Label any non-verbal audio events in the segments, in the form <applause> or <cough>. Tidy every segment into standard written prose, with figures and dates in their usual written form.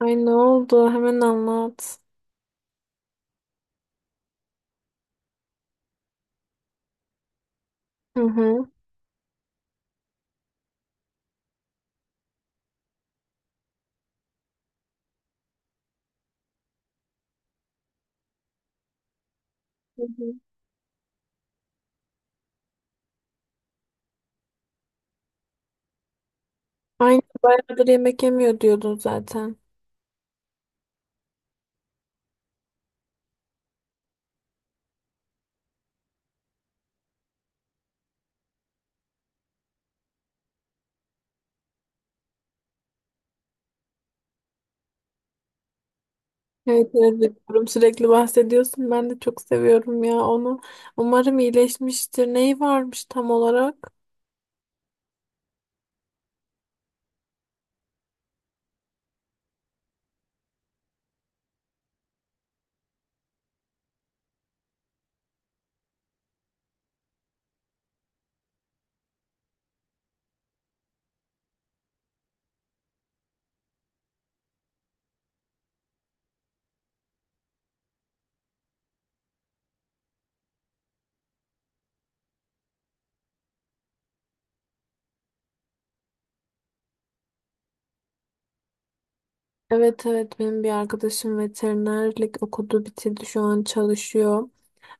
Ay, ne oldu? Hemen anlat. Hı hı. Hı hı. Ay, bayağıdır yemek yemiyor diyordun zaten. Evet, evet, biliyorum. Sürekli bahsediyorsun. Ben de çok seviyorum ya onu. Umarım iyileşmiştir. Neyi varmış tam olarak? Evet, evet, benim bir arkadaşım veterinerlik okudu, bitirdi, şu an çalışıyor.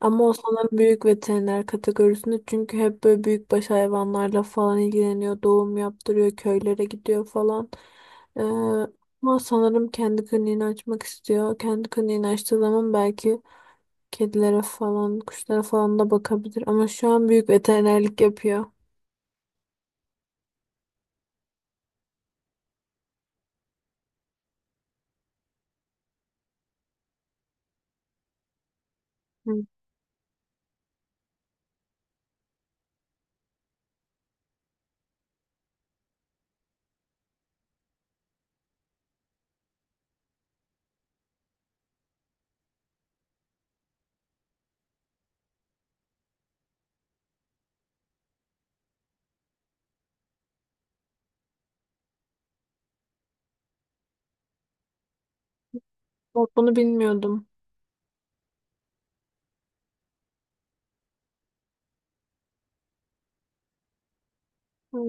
Ama o sanırım büyük veteriner kategorisinde, çünkü hep böyle büyükbaş hayvanlarla falan ilgileniyor. Doğum yaptırıyor, köylere gidiyor falan. Ee, Ama sanırım kendi kliniğini açmak istiyor. Kendi kliniğini açtığı zaman belki kedilere falan, kuşlara falan da bakabilir. Ama şu an büyük veterinerlik yapıyor. Hı. Bak, bunu bilmiyordum. Hı.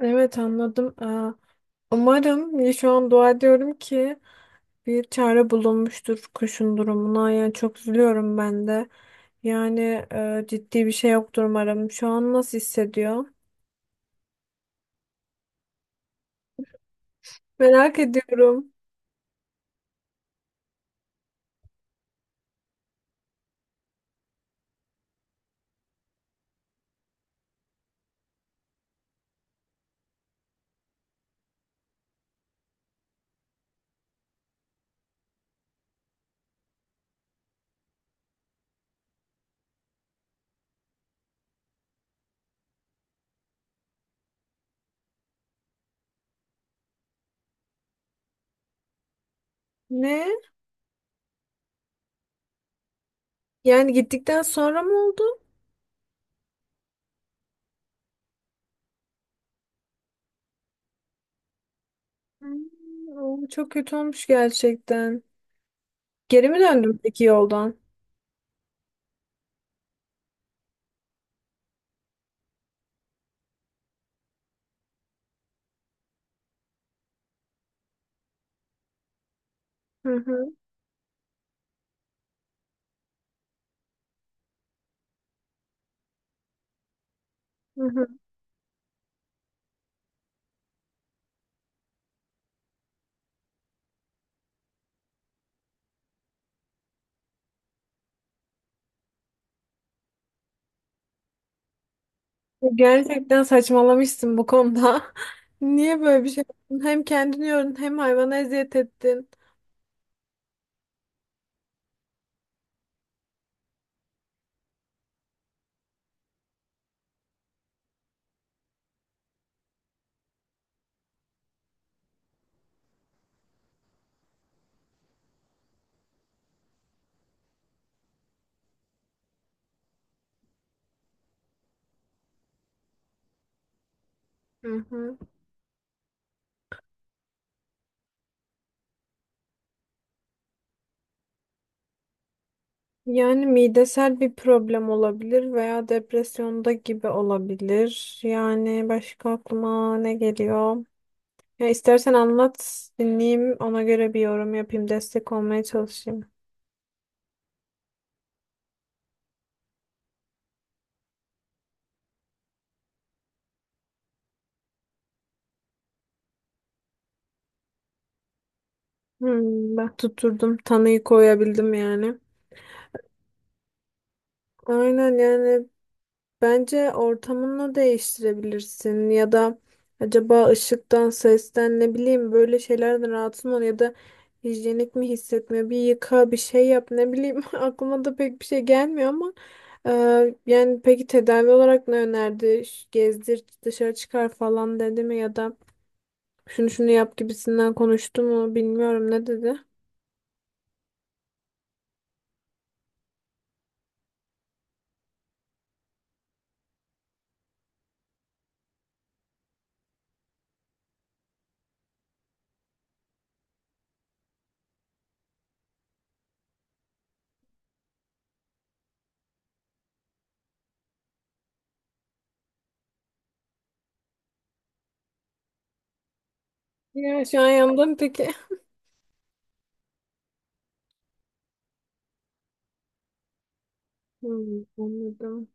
Evet, anladım. Umarım ya, şu an dua ediyorum ki bir çare bulunmuştur kuşun durumuna. Yani çok üzülüyorum ben de. Yani ciddi bir şey yoktur umarım. Şu an nasıl hissediyor? Merak ediyorum. Ne? Yani gittikten sonra mı oldu? Hmm, o çok kötü olmuş gerçekten. Geri mi döndün peki yoldan? Hı hı, hı hı. Gerçekten saçmalamışsın bu konuda. <laughs> Niye böyle bir şey yaptın? Hem kendini yordun, hem hayvana eziyet ettin. Hı hı. Yani midesel bir problem olabilir veya depresyonda gibi olabilir. Yani başka aklıma ne geliyor? Ya istersen anlat, dinleyeyim, ona göre bir yorum yapayım, destek olmaya çalışayım. Hmm, bak, tuturdum, tanıyı koyabildim yani. Aynen yani, bence ortamını değiştirebilirsin ya da acaba ışıktan, sesten, ne bileyim, böyle şeylerden rahatsız mı ol, ya da hijyenik mi hissetmiyor? Bir yıka, bir şey yap, ne bileyim, <laughs> aklıma da pek bir şey gelmiyor ama yani peki tedavi olarak ne önerdi? Gezdir, dışarı çıkar falan dedi mi, ya da şunu şunu yap gibisinden konuştu mu, bilmiyorum ne dedi? Ya şu an yandım peki. <laughs> Hmm, anladım.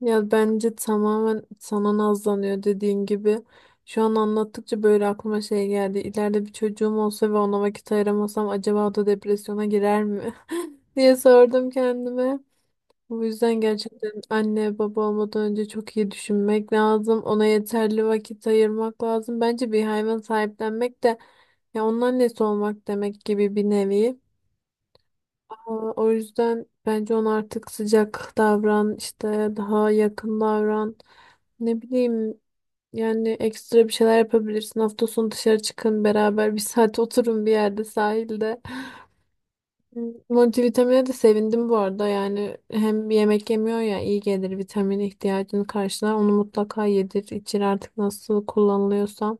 Ya bence tamamen sana nazlanıyor dediğin gibi. Şu an anlattıkça böyle aklıma şey geldi. İleride bir çocuğum olsa ve ona vakit ayıramasam acaba o da depresyona girer mi? <laughs> diye sordum kendime. Bu yüzden gerçekten anne baba olmadan önce çok iyi düşünmek lazım. Ona yeterli vakit ayırmak lazım. Bence bir hayvan sahiplenmek de ya onun annesi olmak demek gibi bir nevi. O yüzden bence ona artık sıcak davran, işte daha yakın davran. Ne bileyim, yani ekstra bir şeyler yapabilirsin. Hafta sonu dışarı çıkın, beraber bir saat <laughs> oturun bir yerde, sahilde. Multivitamine de sevindim bu arada. Yani hem yemek yemiyor ya, iyi gelir, vitamin ihtiyacını karşılar. Onu mutlaka yedir, içir artık, nasıl kullanılıyorsa.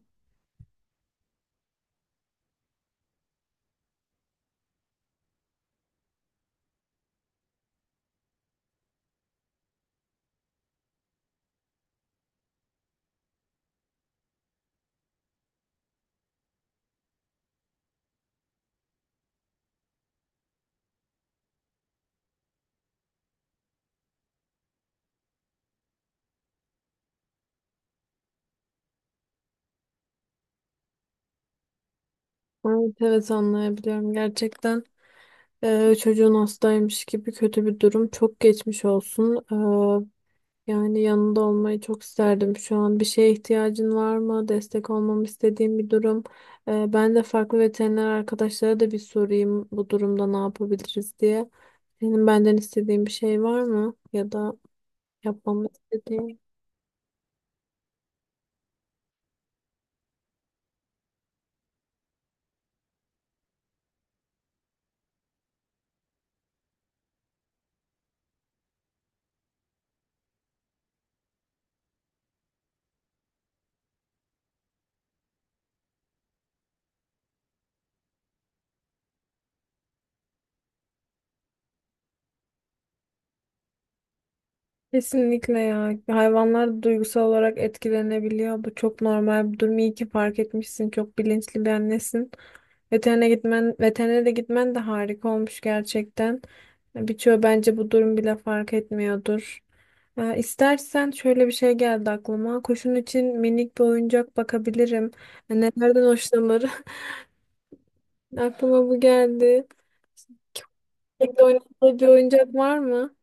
Evet, evet, anlayabiliyorum gerçekten. Çocuğun hastaymış gibi kötü bir durum. Çok geçmiş olsun. Yani yanında olmayı çok isterdim şu an. Bir şeye ihtiyacın var mı? Destek olmamı istediğim bir durum. Ben de farklı veteriner arkadaşlara da bir sorayım, bu durumda ne yapabiliriz diye. Senin benden istediğin bir şey var mı? Ya da yapmamı istediğin? Kesinlikle ya. Hayvanlar duygusal olarak etkilenebiliyor. Bu çok normal bir durum. İyi ki fark etmişsin. Çok bilinçli bir annesin. Veterinere de gitmen de harika olmuş gerçekten. Birçoğu bence bu durum bile fark etmiyordur. Ya istersen şöyle bir şey geldi aklıma. Kuşun için minik bir oyuncak bakabilirim. Ya, nelerden hoşlanır? <laughs> Aklıma bu geldi. Peki oynadığı bir oyuncak var mı?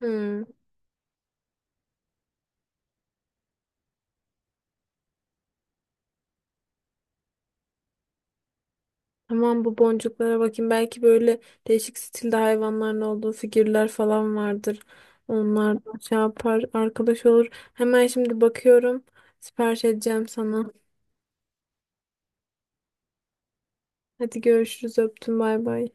Hmm. Tamam, bu boncuklara bakayım. Belki böyle değişik stilde hayvanların olduğu figürler falan vardır. Onlar da şey yapar, arkadaş olur. Hemen şimdi bakıyorum. Sipariş edeceğim sana. Hadi görüşürüz. Öptüm. Bay bay.